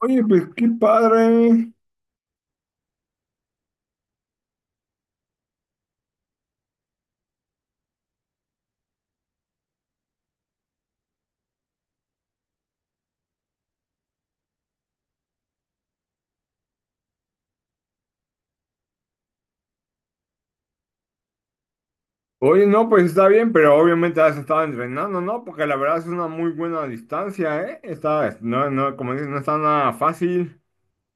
Oye, pues qué padre. Oye, no, pues está bien, pero obviamente has estado entrenando, ¿no? Porque la verdad es una muy buena distancia, ¿eh? Está, no, no, como dices, no está nada fácil.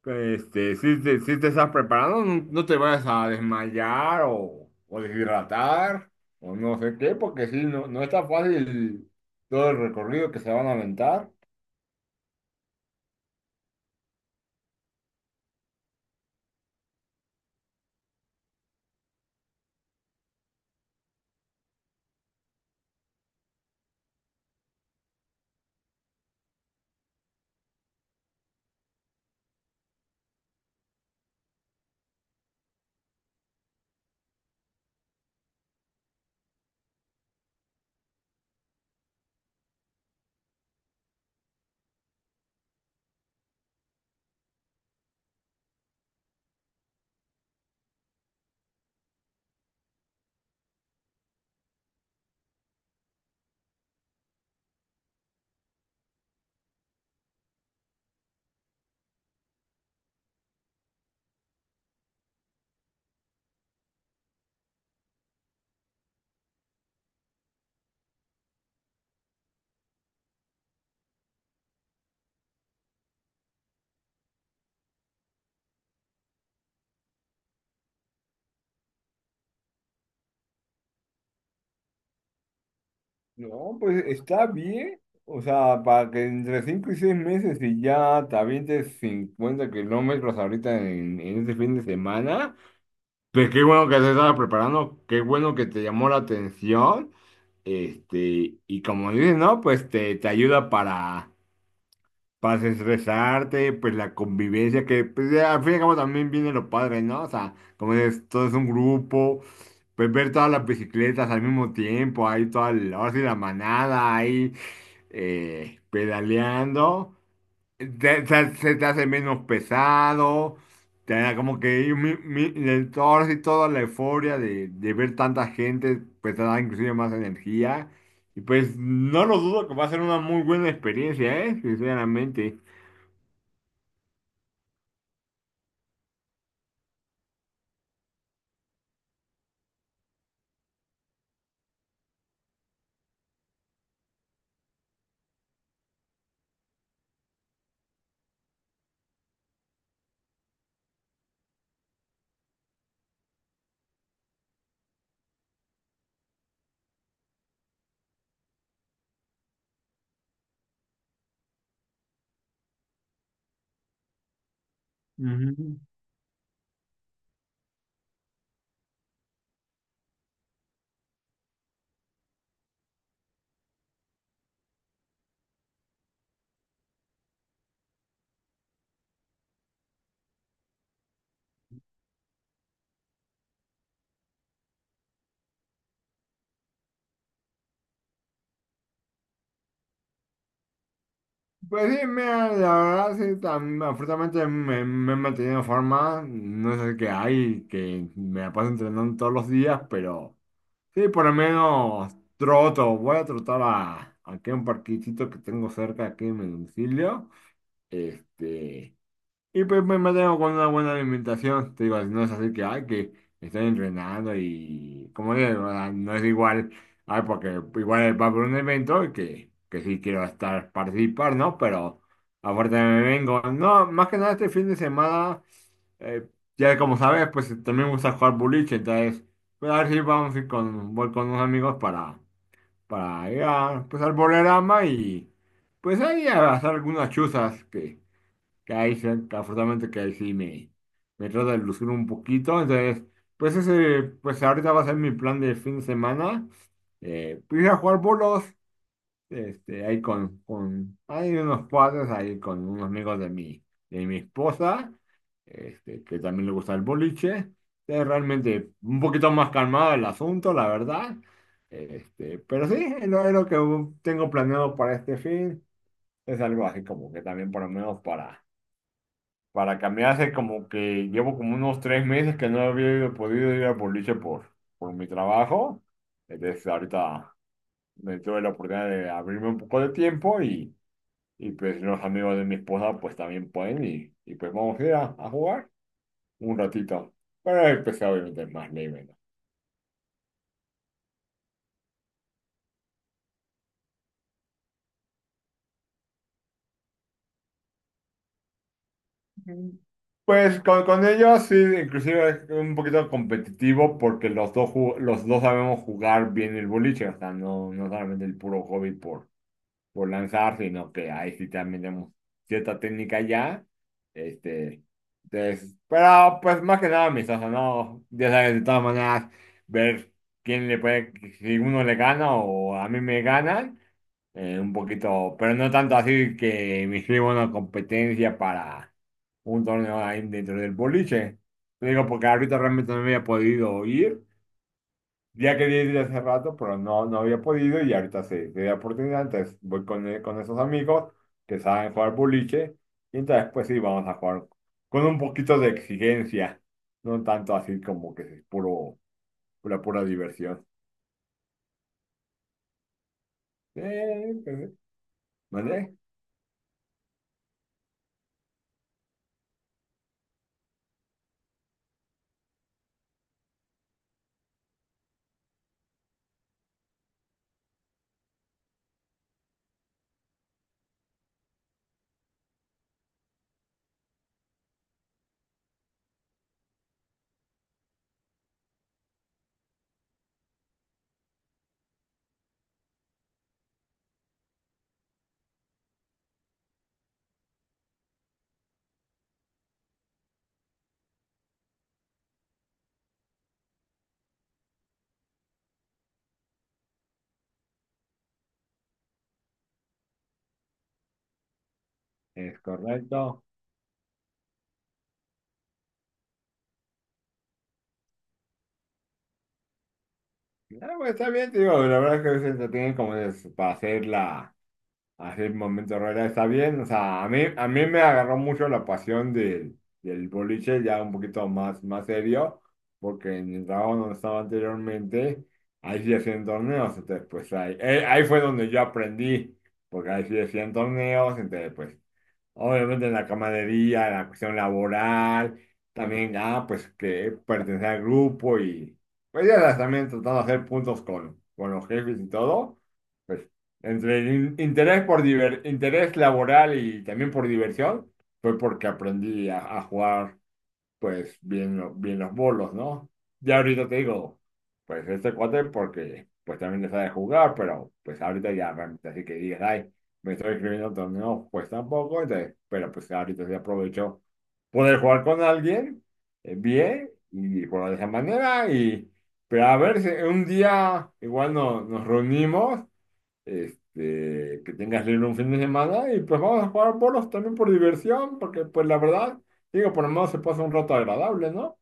Este, si te estás preparando, no, no te vayas a desmayar o deshidratar o no sé qué, porque sí, no, no está fácil todo el recorrido que se van a aventar. No, pues está bien. O sea, para que entre 5 y 6 meses y ya te avientes 50 kilómetros ahorita en este fin de semana, pues qué bueno que te estabas preparando, qué bueno que te llamó la atención. Este, y como dices, ¿no? Pues te ayuda para desestresarte, pues la convivencia, que pues, ya, al fin y al cabo también viene lo padre, ¿no? O sea, como dices, todo es un grupo, pues ver todas las bicicletas al mismo tiempo, ahí toda, el- ahora sí la manada, ahí pedaleando, te- se te hace menos pesado, te da como que un mi- mi- el torso y toda la euforia de ver tanta gente, pues te da inclusive más energía. Y pues no lo dudo que va a ser una muy buena experiencia, ¿eh? Sinceramente. Ujú. Pues sí, mira, la verdad, sí, tam- afortunadamente me he mantenido en forma, no es el que hay, que me la paso entrenando todos los días, pero sí, por lo menos troto, voy a trotar a, aquí a un parquecito que tengo cerca aquí en mi domicilio, este, y pues me mantengo con una buena alimentación. Te digo, no es así que, ay, que estoy entrenando y, como digo, o sea, no es igual, ay, porque igual va por un evento y que sí quiero estar, participar, ¿no? Pero a fuerte me vengo. No, más que nada este fin de semana, eh, ya como sabes, pues también me gusta jugar boliche, entonces, pues a ver si vamos a ir con, voy con unos amigos para ir a, pues, al bolerama y, pues ahí a hacer algunas chuzas que ahí, se- afortunadamente que ahí sí me trata de lucir un poquito. Entonces, pues ese, pues ahorita va a ser mi plan de fin de semana. Pues ir a jugar bolos, este, ahí con, hay unos padres ahí con unos amigos de mi esposa, este, que también le gusta el boliche. Es realmente un poquito más calmado el asunto, la verdad. Este, pero sí, es lo que tengo planeado para este fin. Es algo así como que también por lo menos para cambiar hace como que llevo como unos tres meses que no había ido- podido ir al boliche por mi trabajo. Entonces ahorita me tuve la oportunidad de abrirme un poco de tiempo y pues los amigos de mi esposa pues también pueden y pues vamos a ir a jugar un ratito. Pero empecé obviamente más leve, ¿no? Mm. Pues con ellos sí, inclusive es un poquito competitivo porque los dos, ju- los dos sabemos jugar bien el boliche, o sea, no, no solamente el puro hobby por lanzar, sino que ahí sí también tenemos cierta técnica ya. Este, entonces, pero pues más que nada amistoso, ¿no? Ya sabes, de todas maneras, ver quién le puede, si uno le gana o a mí me ganan, un poquito, pero no tanto así que me inscribo a una competencia para un torneo ahí dentro del boliche. Te digo, porque ahorita realmente no me había podido ir. Ya quería ir hace rato, pero no, no había podido y ahorita sí, se da oportunidad, entonces voy con esos amigos que saben jugar boliche y entonces pues sí, vamos a jugar con un poquito de exigencia, no tanto así como que es puro, pura diversión. Pues, ¿vale? Es correcto. Ah, pues, está bien, te digo, la verdad es que se entretienen como es para hacer la. Así el momento Herrera está bien. O sea, a mí me agarró mucho la pasión del boliche, ya un poquito más, más serio, porque en el trabajo donde estaba anteriormente, ahí sí hacían torneos. Entonces, pues ahí, ahí fue donde yo aprendí, porque ahí sí hacían torneos. Entonces, pues obviamente en la camaradería, en la cuestión laboral, también ya, pues que pertenecer al grupo y pues ya las también tratando de hacer puntos con los jefes y todo, pues entre el in- interés por diver- interés laboral y también por diversión, fue porque aprendí a jugar pues bien, lo- bien los bolos, ¿no? Ya ahorita te digo, pues este cuate porque pues también le sabe jugar, pero pues ahorita ya realmente así que digas, ay, me estoy escribiendo torneos, pues tampoco, entonces, pero pues ahorita sí aprovecho poder jugar con alguien bien y jugar de esa manera pero a ver si un día igual no, nos reunimos este, que tengas libre un fin de semana y pues vamos a jugar bolos también por diversión, porque pues la verdad, digo, por lo menos se pasa un rato agradable, ¿no?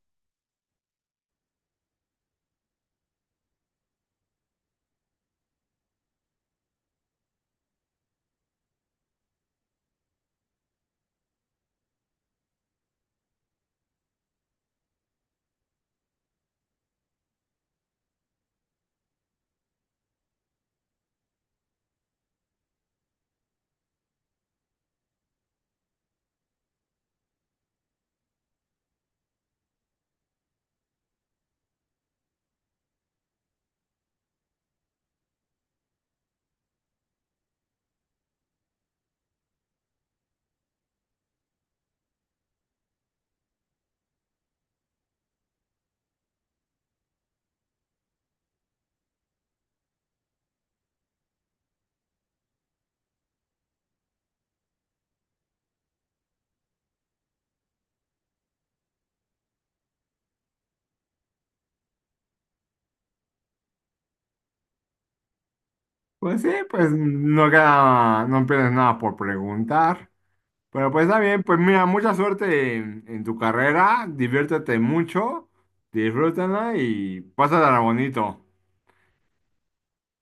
Pues sí, pues no queda, no pierdes nada por preguntar. Pero pues está bien, pues mira, mucha suerte en tu carrera, diviértete mucho, disfrútala y pásala bonito.